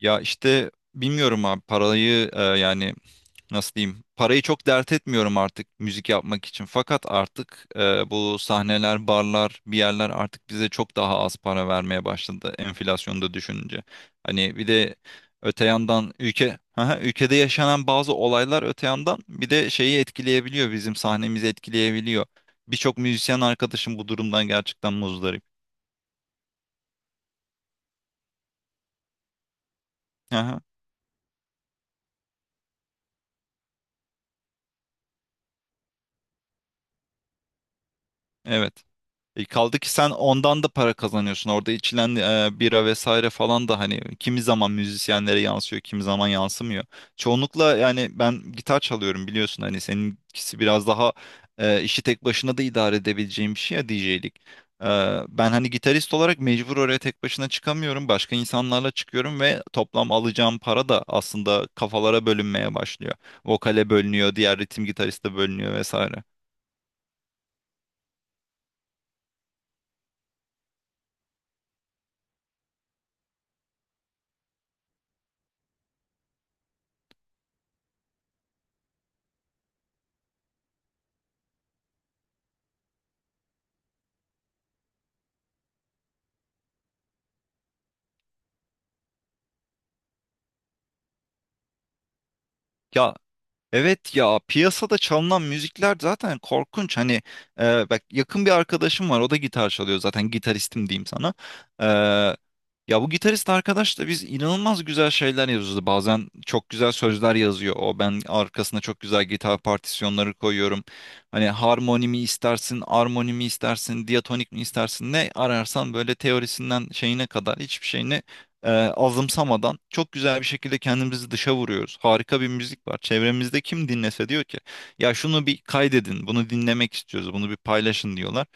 Ya işte bilmiyorum abi parayı yani nasıl diyeyim parayı çok dert etmiyorum artık müzik yapmak için. Fakat artık bu sahneler, barlar, bir yerler artık bize çok daha az para vermeye başladı enflasyonu da düşününce. Hani bir de öte yandan ülke Aha, ülkede yaşanan bazı olaylar öte yandan bir de şeyi etkileyebiliyor bizim sahnemizi etkileyebiliyor. Birçok müzisyen arkadaşım bu durumdan gerçekten muzdarip. Aha, evet. Kaldı ki sen ondan da para kazanıyorsun. Orada içilen bira vesaire falan da hani kimi zaman müzisyenlere yansıyor, kimi zaman yansımıyor. Çoğunlukla yani ben gitar çalıyorum biliyorsun hani seninkisi biraz daha işi tek başına da idare edebileceğim bir şey ya DJ'lik. E, Ben hani gitarist olarak mecbur oraya tek başına çıkamıyorum. Başka insanlarla çıkıyorum ve toplam alacağım para da aslında kafalara bölünmeye başlıyor. Vokale bölünüyor, diğer ritim gitariste bölünüyor vesaire. Ya, evet, ya piyasada çalınan müzikler zaten korkunç hani bak yakın bir arkadaşım var o da gitar çalıyor zaten gitaristim diyeyim sana. E, Ya bu gitarist arkadaş da biz inanılmaz güzel şeyler yazıyoruz bazen çok güzel sözler yazıyor o ben arkasına çok güzel gitar partisyonları koyuyorum hani harmoni mi istersin armoni mi istersin diatonik mi istersin ne ararsan böyle teorisinden şeyine kadar hiçbir şeyini azımsamadan çok güzel bir şekilde kendimizi dışa vuruyoruz. Harika bir müzik var. Çevremizde kim dinlese diyor ki ya şunu bir kaydedin, bunu dinlemek istiyoruz, bunu bir paylaşın diyorlar.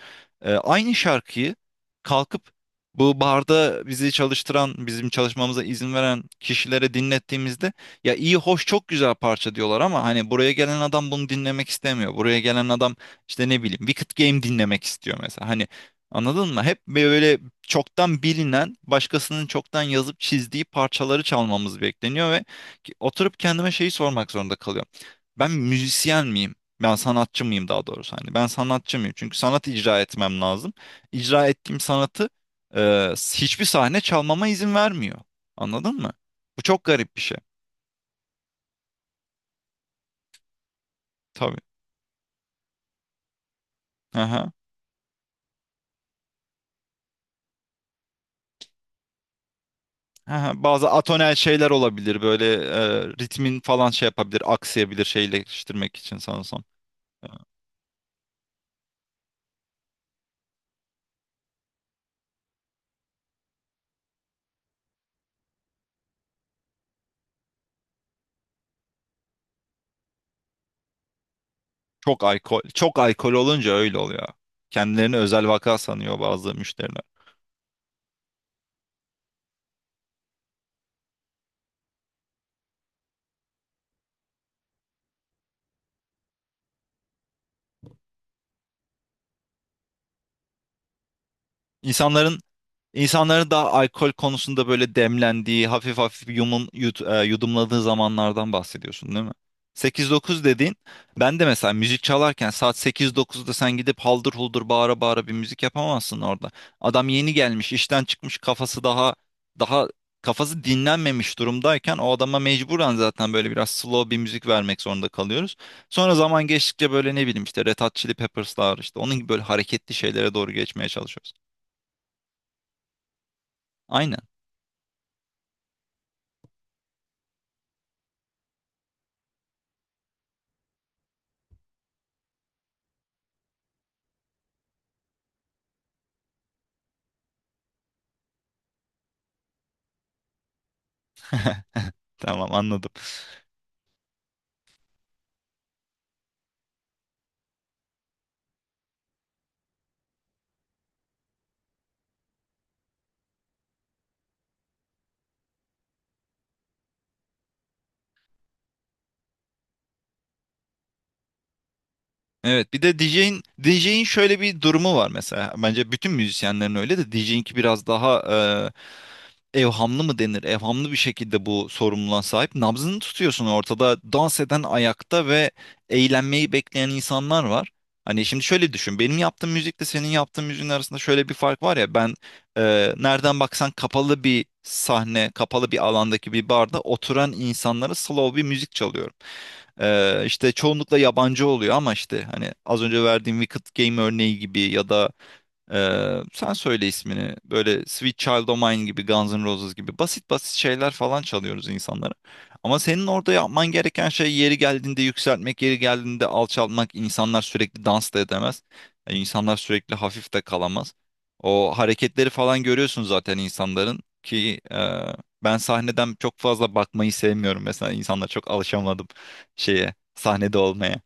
Aynı şarkıyı kalkıp bu barda bizi çalıştıran, bizim çalışmamıza izin veren kişilere dinlettiğimizde ya iyi hoş çok güzel parça diyorlar ama hani buraya gelen adam bunu dinlemek istemiyor. Buraya gelen adam işte ne bileyim Wicked Game dinlemek istiyor mesela. Hani anladın mı? Hep böyle çoktan bilinen, başkasının çoktan yazıp çizdiği parçaları çalmamız bekleniyor ve oturup kendime şeyi sormak zorunda kalıyorum. Ben müzisyen miyim? Ben sanatçı mıyım daha doğrusu hani ben sanatçı mıyım? Çünkü sanat icra etmem lazım. İcra ettiğim sanatı hiçbir sahne çalmama izin vermiyor. Anladın mı? Bu çok garip bir şey. Tabii. Aha. Aha. Bazı atonel şeyler olabilir böyle ritmin falan şey yapabilir, aksayabilir şeyleştirmek için sanırsam. Çok alkol, çok alkol olunca öyle oluyor. Kendilerini özel vaka sanıyor bazı müşteriler. İnsanların İnsanların da alkol konusunda böyle demlendiği, hafif hafif yudumladığı zamanlardan bahsediyorsun değil mi? Sekiz dokuz dediğin, ben de mesela müzik çalarken saat sekiz dokuz'da sen gidip haldır huldur bağıra bağıra bir müzik yapamazsın orada. Adam yeni gelmiş, işten çıkmış, kafası daha daha kafası dinlenmemiş durumdayken o adama mecburen zaten böyle biraz slow bir müzik vermek zorunda kalıyoruz. Sonra zaman geçtikçe böyle ne bileyim işte Red Hot Chili Peppers'lar işte onun gibi böyle hareketli şeylere doğru geçmeye çalışıyoruz. Aynen. Tamam anladım. Evet bir de DJ'in şöyle bir durumu var mesela. Bence bütün müzisyenlerin öyle de DJ'inki biraz daha evhamlı mı denir? Evhamlı bir şekilde bu sorumluluğa sahip. Nabzını tutuyorsun ortada. Dans eden ayakta ve eğlenmeyi bekleyen insanlar var. Hani şimdi şöyle düşün. Benim yaptığım müzikle senin yaptığın müziğin arasında şöyle bir fark var ya. Ben nereden baksan kapalı bir sahne, kapalı bir alandaki bir barda oturan insanlara slow bir müzik çalıyorum. İşte çoğunlukla yabancı oluyor ama işte hani az önce verdiğim Wicked Game örneği gibi ya da sen söyle ismini. Böyle Sweet Child O' Mine gibi, Guns N' Roses gibi basit basit şeyler falan çalıyoruz insanlara. Ama senin orada yapman gereken şey yeri geldiğinde yükseltmek, yeri geldiğinde alçaltmak. İnsanlar sürekli dans da edemez. Yani insanlar sürekli hafif de kalamaz. O hareketleri falan görüyorsun zaten insanların ki ben sahneden çok fazla bakmayı sevmiyorum. Mesela insanlar çok alışamadım şeye, sahnede olmaya.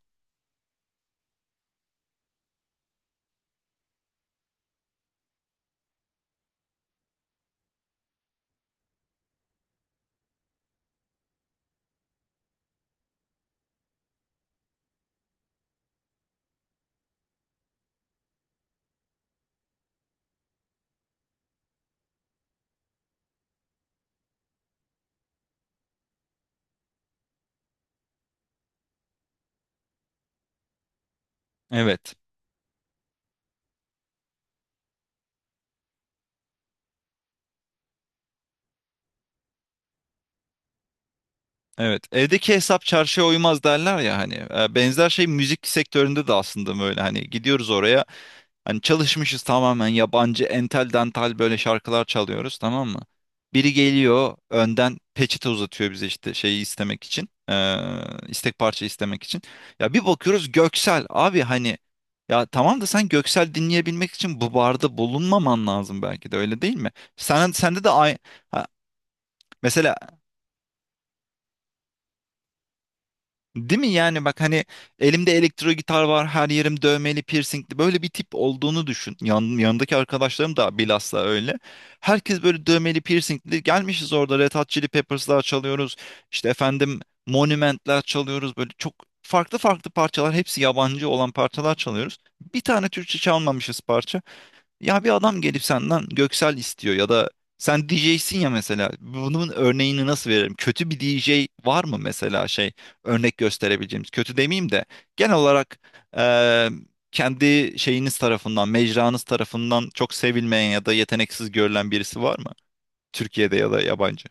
Evet. Evet, evdeki hesap çarşıya uymaz derler ya hani. Benzer şey müzik sektöründe de aslında böyle hani gidiyoruz oraya hani çalışmışız tamamen yabancı entel dantal böyle şarkılar çalıyoruz tamam mı? Biri geliyor önden peçete uzatıyor bize işte şeyi istemek için istek parça istemek için ya bir bakıyoruz Göksel abi hani ya tamam da sen Göksel dinleyebilmek için bu barda bulunmaman lazım belki de öyle değil mi? Sende de aynı. Ha, mesela değil mi yani, bak hani elimde elektro gitar var her yerim dövmeli piercingli böyle bir tip olduğunu düşün. Yanındaki arkadaşlarım da bilhassa öyle. Herkes böyle dövmeli piercingli gelmişiz orada Red Hot Chili Peppers'lar çalıyoruz. İşte efendim Monument'ler çalıyoruz böyle çok farklı farklı parçalar hepsi yabancı olan parçalar çalıyoruz. Bir tane Türkçe çalmamışız parça. Ya bir adam gelip senden Göksel istiyor ya da sen DJ'sin ya mesela. Bunun örneğini nasıl veririm? Kötü bir DJ var mı mesela şey örnek gösterebileceğimiz? Kötü demeyeyim de genel olarak eee, kendi şeyiniz tarafından, mecranız tarafından çok sevilmeyen ya da yeteneksiz görülen birisi var mı? Türkiye'de ya da yabancı.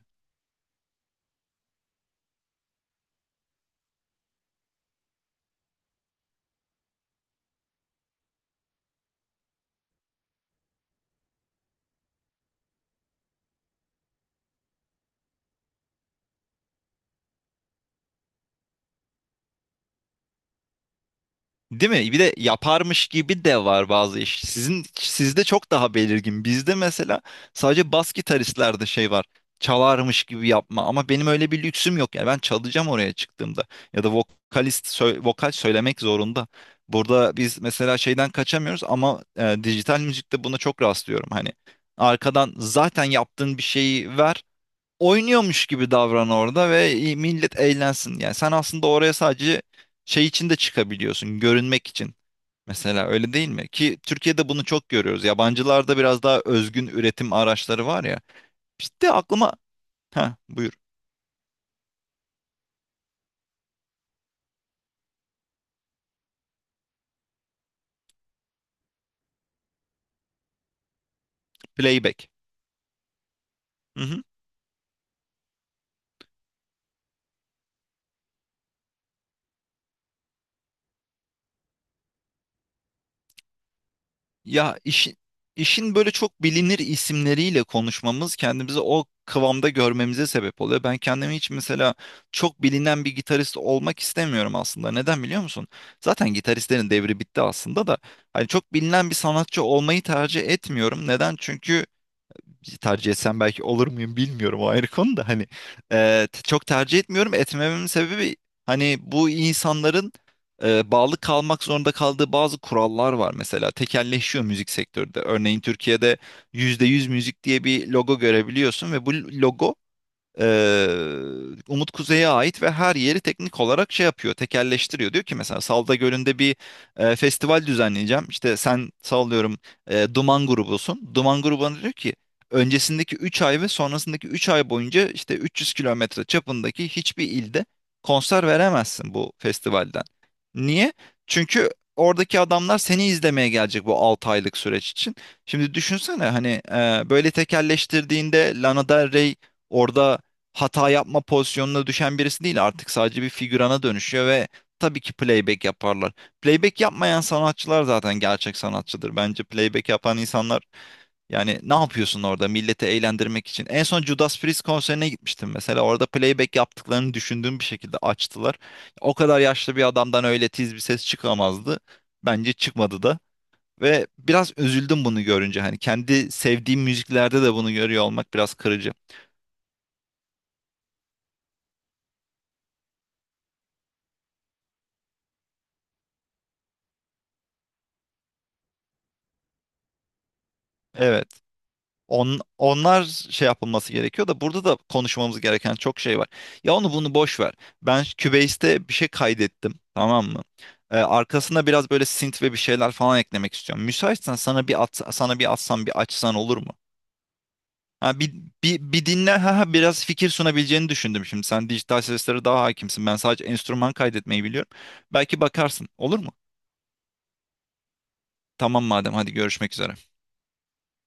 Değil mi? Bir de yaparmış gibi de var bazı iş. Sizin sizde çok daha belirgin. Bizde mesela sadece bas gitaristlerde şey var. Çalarmış gibi yapma. Ama benim öyle bir lüksüm yok. Yani ben çalacağım oraya çıktığımda. Ya da vokalist vokal söylemek zorunda. Burada biz mesela şeyden kaçamıyoruz ama dijital müzikte buna çok rastlıyorum. Hani arkadan zaten yaptığın bir şeyi ver oynuyormuş gibi davran orada ve millet eğlensin. Yani sen aslında oraya sadece şey için de çıkabiliyorsun, görünmek için. Mesela öyle değil mi? Ki Türkiye'de bunu çok görüyoruz. Yabancılarda biraz daha özgün üretim araçları var ya. İşte aklıma... Ha buyur. Playback. Hı hı. Ya işin böyle çok bilinir isimleriyle konuşmamız kendimizi o kıvamda görmemize sebep oluyor. Ben kendimi hiç mesela çok bilinen bir gitarist olmak istemiyorum aslında. Neden biliyor musun? Zaten gitaristlerin devri bitti aslında da. Hani çok bilinen bir sanatçı olmayı tercih etmiyorum. Neden? Çünkü tercih etsem belki olur muyum bilmiyorum o ayrı konu da hani çok tercih etmiyorum etmememin sebebi hani bu insanların bağlı kalmak zorunda kaldığı bazı kurallar var mesela tekelleşiyor müzik sektörde örneğin Türkiye'de %100 müzik diye bir logo görebiliyorsun ve bu logo ee, Umut Kuzey'e ait ve her yeri teknik olarak şey yapıyor, tekelleştiriyor. Diyor ki mesela Salda Gölü'nde bir festival düzenleyeceğim. İşte sen sallıyorum Duman grubusun. Duman grubuna diyor ki öncesindeki 3 ay ve sonrasındaki 3 ay boyunca işte 300 kilometre çapındaki hiçbir ilde konser veremezsin bu festivalden. Niye? Çünkü oradaki adamlar seni izlemeye gelecek bu 6 aylık süreç için. Şimdi düşünsene hani böyle tekelleştirdiğinde Lana Del Rey orada hata yapma pozisyonuna düşen birisi değil artık sadece bir figürana dönüşüyor ve tabii ki playback yaparlar. Playback yapmayan sanatçılar zaten gerçek sanatçıdır. Bence playback yapan insanlar yani ne yapıyorsun orada milleti eğlendirmek için? En son Judas Priest konserine gitmiştim mesela. Orada playback yaptıklarını düşündüğüm bir şekilde açtılar. O kadar yaşlı bir adamdan öyle tiz bir ses çıkamazdı. Bence çıkmadı da. Ve biraz üzüldüm bunu görünce. Hani kendi sevdiğim müziklerde de bunu görüyor olmak biraz kırıcı. Evet. Onlar şey yapılması gerekiyor da burada da konuşmamız gereken çok şey var. Ya onu bunu boş ver. Ben Cubase'de bir şey kaydettim, tamam mı? Arkasına biraz böyle synth ve bir şeyler falan eklemek istiyorum. Müsaitsen sana bir atsam bir açsan olur mu? Ha, bir dinle ha, ha, biraz fikir sunabileceğini düşündüm şimdi. Sen dijital seslere daha hakimsin. Ben sadece enstrüman kaydetmeyi biliyorum. Belki bakarsın. Olur mu? Tamam madem hadi görüşmek üzere.